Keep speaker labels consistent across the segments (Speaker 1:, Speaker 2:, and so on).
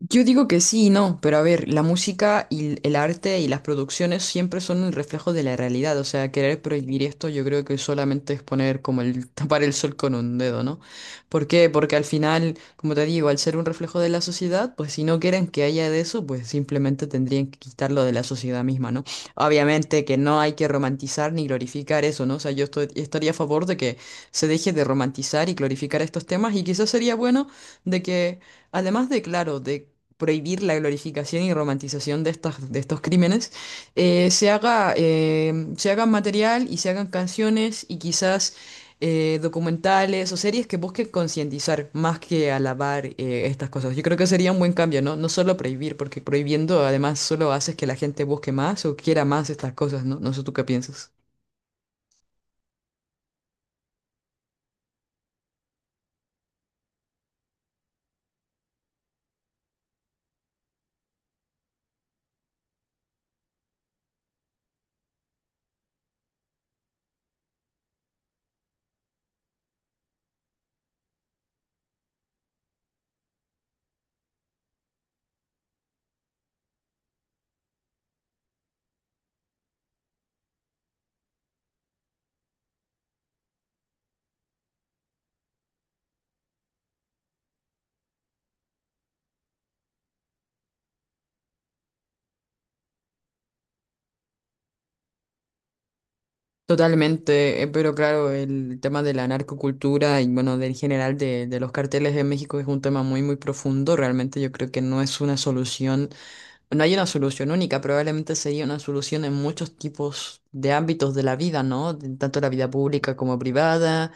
Speaker 1: Yo digo que sí y no, pero a ver, la música y el arte y las producciones siempre son el reflejo de la realidad, o sea, querer prohibir esto yo creo que solamente es poner como el tapar el sol con un dedo, ¿no? ¿Por qué? Porque al final, como te digo, al ser un reflejo de la sociedad, pues si no quieren que haya de eso, pues simplemente tendrían que quitarlo de la sociedad misma, ¿no? Obviamente que no hay que romantizar ni glorificar eso, ¿no? O sea, estaría a favor de que se deje de romantizar y glorificar estos temas y quizás sería bueno de que... Además de, claro, de prohibir la glorificación y romantización de estos crímenes, se hagan material y se hagan canciones y quizás documentales o series que busquen concientizar más que alabar estas cosas. Yo creo que sería un buen cambio, ¿no? No solo prohibir, porque prohibiendo además solo haces que la gente busque más o quiera más estas cosas, ¿no? No sé tú qué piensas. Totalmente, pero claro, el tema de la narcocultura y bueno, de los carteles de México es un tema muy, muy profundo. Realmente yo creo que no es una solución, no hay una solución única, probablemente sería una solución en muchos tipos de ámbitos de la vida, ¿no? Tanto la vida pública como privada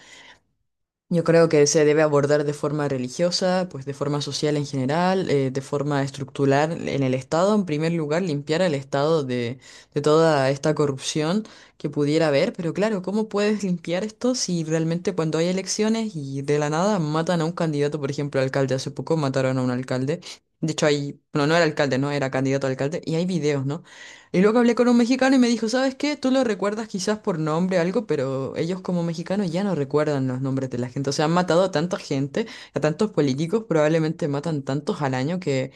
Speaker 1: yo creo que se debe abordar de forma religiosa, pues de forma social en general, de forma estructural en el Estado. En primer lugar, limpiar al Estado de toda esta corrupción que pudiera haber. Pero claro, ¿cómo puedes limpiar esto si realmente cuando hay elecciones y de la nada matan a un candidato, por ejemplo, alcalde? Hace poco mataron a un alcalde. De hecho, hay, bueno, no era alcalde, no, era candidato a alcalde. Y hay videos, ¿no? Y luego hablé con un mexicano y me dijo, ¿sabes qué? Tú lo recuerdas quizás por nombre, algo, pero ellos como mexicanos ya no recuerdan los nombres de la gente. O sea, han matado a tanta gente, a tantos políticos, probablemente matan tantos al año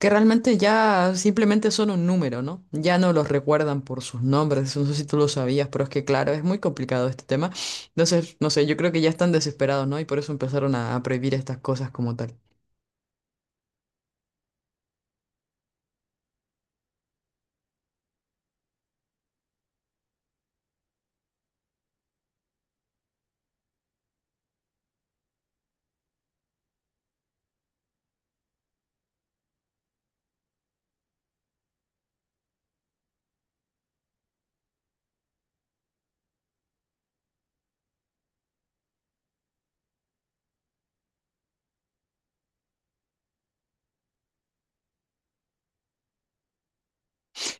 Speaker 1: que realmente ya simplemente son un número, ¿no? Ya no los recuerdan por sus nombres. No sé si tú lo sabías, pero es que claro, es muy complicado este tema. Entonces, no sé, yo creo que ya están desesperados, ¿no? Y por eso empezaron a prohibir estas cosas como tal.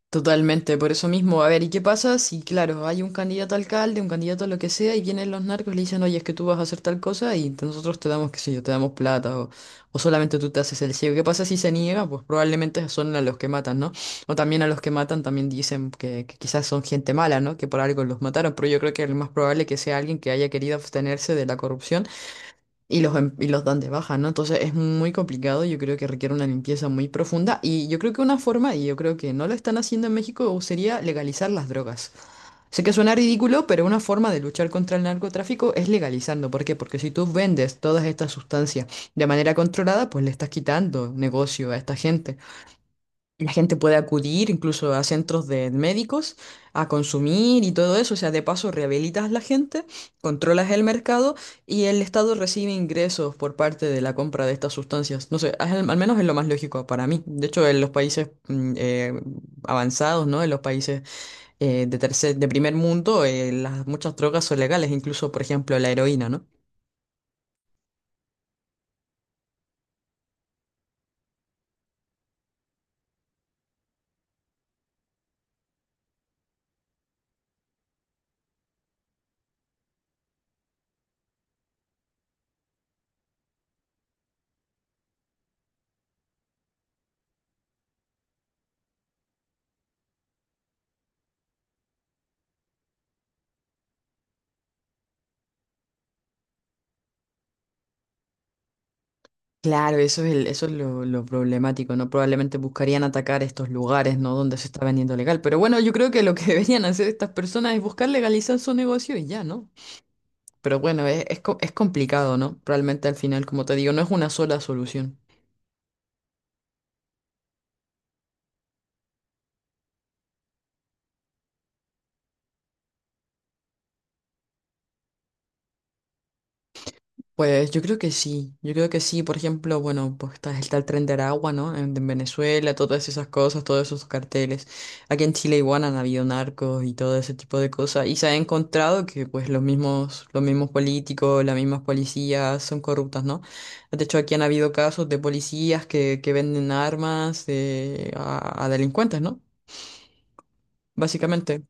Speaker 1: Totalmente, por eso mismo. A ver, ¿y qué pasa si, claro, hay un candidato a alcalde, un candidato a lo que sea, y vienen los narcos y le dicen, oye, es que tú vas a hacer tal cosa y nosotros te damos, qué sé yo, te damos plata o solamente tú te haces el ciego? ¿Qué pasa si se niega? Pues probablemente son a los que matan, ¿no? O también a los que matan también dicen que quizás son gente mala, ¿no? Que por algo los mataron, pero yo creo que es más probable que sea alguien que haya querido abstenerse de la corrupción y los dan de baja, ¿no? Entonces es muy complicado, yo creo que requiere una limpieza muy profunda y yo creo que una forma, y yo creo que no lo están haciendo en México, sería legalizar las drogas. Sé que suena ridículo, pero una forma de luchar contra el narcotráfico es legalizando. ¿Por qué? Porque si tú vendes todas estas sustancias de manera controlada, pues le estás quitando negocio a esta gente. La gente puede acudir incluso a centros de médicos a consumir y todo eso. O sea, de paso rehabilitas a la gente, controlas el mercado y el Estado recibe ingresos por parte de la compra de estas sustancias. No sé, al, al menos es lo más lógico para mí. De hecho, en los países avanzados, ¿no? En los países de primer mundo, las, muchas drogas son legales, incluso, por ejemplo, la heroína, ¿no? Claro, eso es, eso es lo problemático, ¿no? Probablemente buscarían atacar estos lugares, ¿no? Donde se está vendiendo legal. Pero bueno, yo creo que lo que deberían hacer estas personas es buscar legalizar su negocio y ya, ¿no? Pero bueno, es complicado, ¿no? Realmente al final, como te digo, no es una sola solución. Pues yo creo que sí, yo creo que sí, por ejemplo, bueno, pues está, está el tren de Aragua, ¿no? En Venezuela, todas esas cosas, todos esos carteles. Aquí en Chile igual han habido narcos y todo ese tipo de cosas, y se ha encontrado que pues los mismos políticos, las mismas policías son corruptas, ¿no? De hecho, aquí han habido casos de policías que venden armas a delincuentes, ¿no? Básicamente.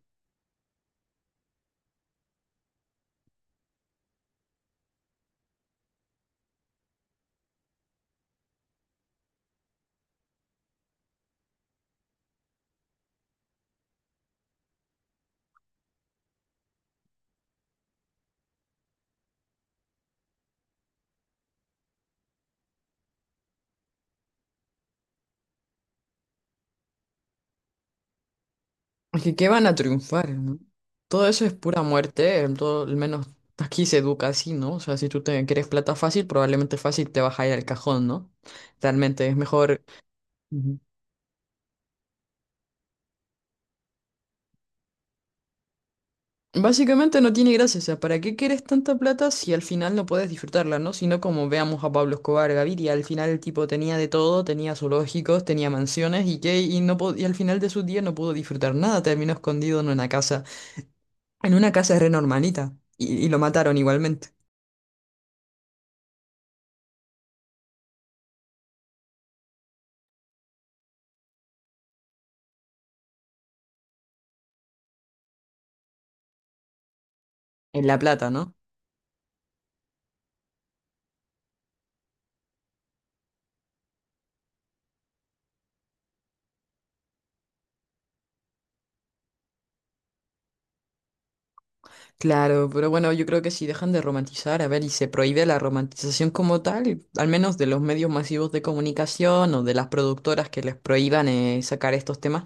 Speaker 1: Es que, ¿qué van a triunfar? ¿no? Todo eso es pura muerte, todo, al menos aquí se educa así, ¿no? O sea, si tú te quieres plata fácil, probablemente fácil te vas a ir al cajón, ¿no? Realmente es mejor. Ujú. Básicamente no tiene gracia, o sea, ¿para qué quieres tanta plata si al final no puedes disfrutarla, ¿no? Sino como veamos a Pablo Escobar Gaviria, al final el tipo tenía de todo, tenía zoológicos, tenía mansiones y qué, y no po- al final de su día no pudo disfrutar nada, terminó escondido en una casa re normalita, y lo mataron igualmente, en La Plata, ¿no? Claro, pero bueno, yo creo que si dejan de romantizar, a ver, y se prohíbe la romantización como tal, al menos de los medios masivos de comunicación o de las productoras que les prohíban sacar estos temas,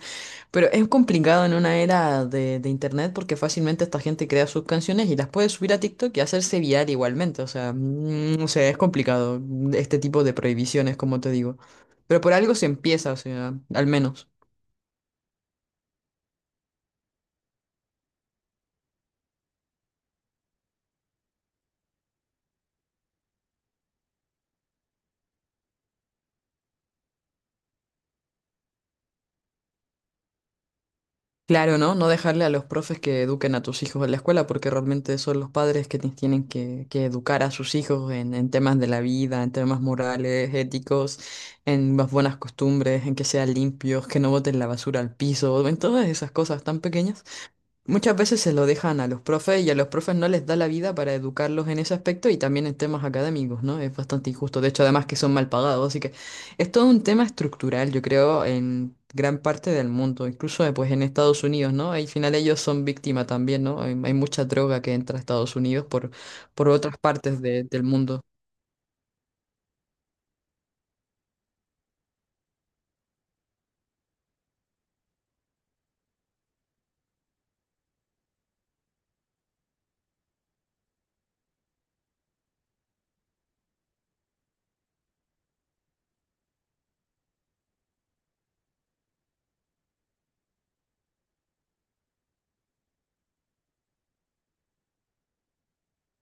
Speaker 1: pero es complicado en una era de internet porque fácilmente esta gente crea sus canciones y las puede subir a TikTok y hacerse viral igualmente, o sea, o sea, es complicado este tipo de prohibiciones, como te digo, pero por algo se empieza, o sea, al menos. Claro, ¿no? No dejarle a los profes que eduquen a tus hijos en la escuela, porque realmente son los padres que tienen que educar a sus hijos en temas de la vida, en temas morales, éticos, en las buenas costumbres, en que sean limpios, que no boten la basura al piso, en todas esas cosas tan pequeñas. Muchas veces se lo dejan a los profes y a los profes no les da la vida para educarlos en ese aspecto y también en temas académicos, ¿no? Es bastante injusto. De hecho, además que son mal pagados, así que es todo un tema estructural, yo creo, en gran parte del mundo, incluso pues en Estados Unidos, ¿no? Al final ellos son víctimas también, ¿no? Hay mucha droga que entra a Estados Unidos por otras partes del mundo.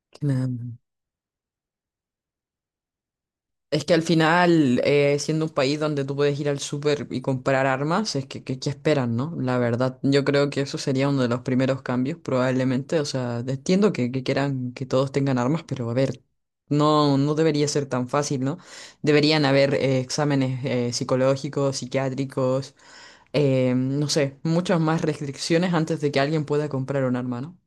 Speaker 1: Claro. Es que al final, siendo un país donde tú puedes ir al súper y comprar armas, es que esperan, ¿no? La verdad, yo creo que eso sería uno de los primeros cambios, probablemente. O sea, entiendo que quieran que todos tengan armas, pero a ver, no, no debería ser tan fácil, ¿no? Deberían haber exámenes psicológicos, psiquiátricos, no sé, muchas más restricciones antes de que alguien pueda comprar un arma, ¿no?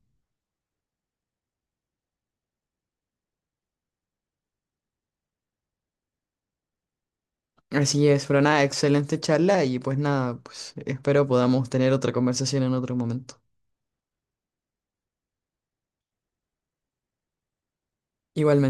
Speaker 1: Así es, pero nada, excelente charla y pues nada, pues espero podamos tener otra conversación en otro momento. Igualmente.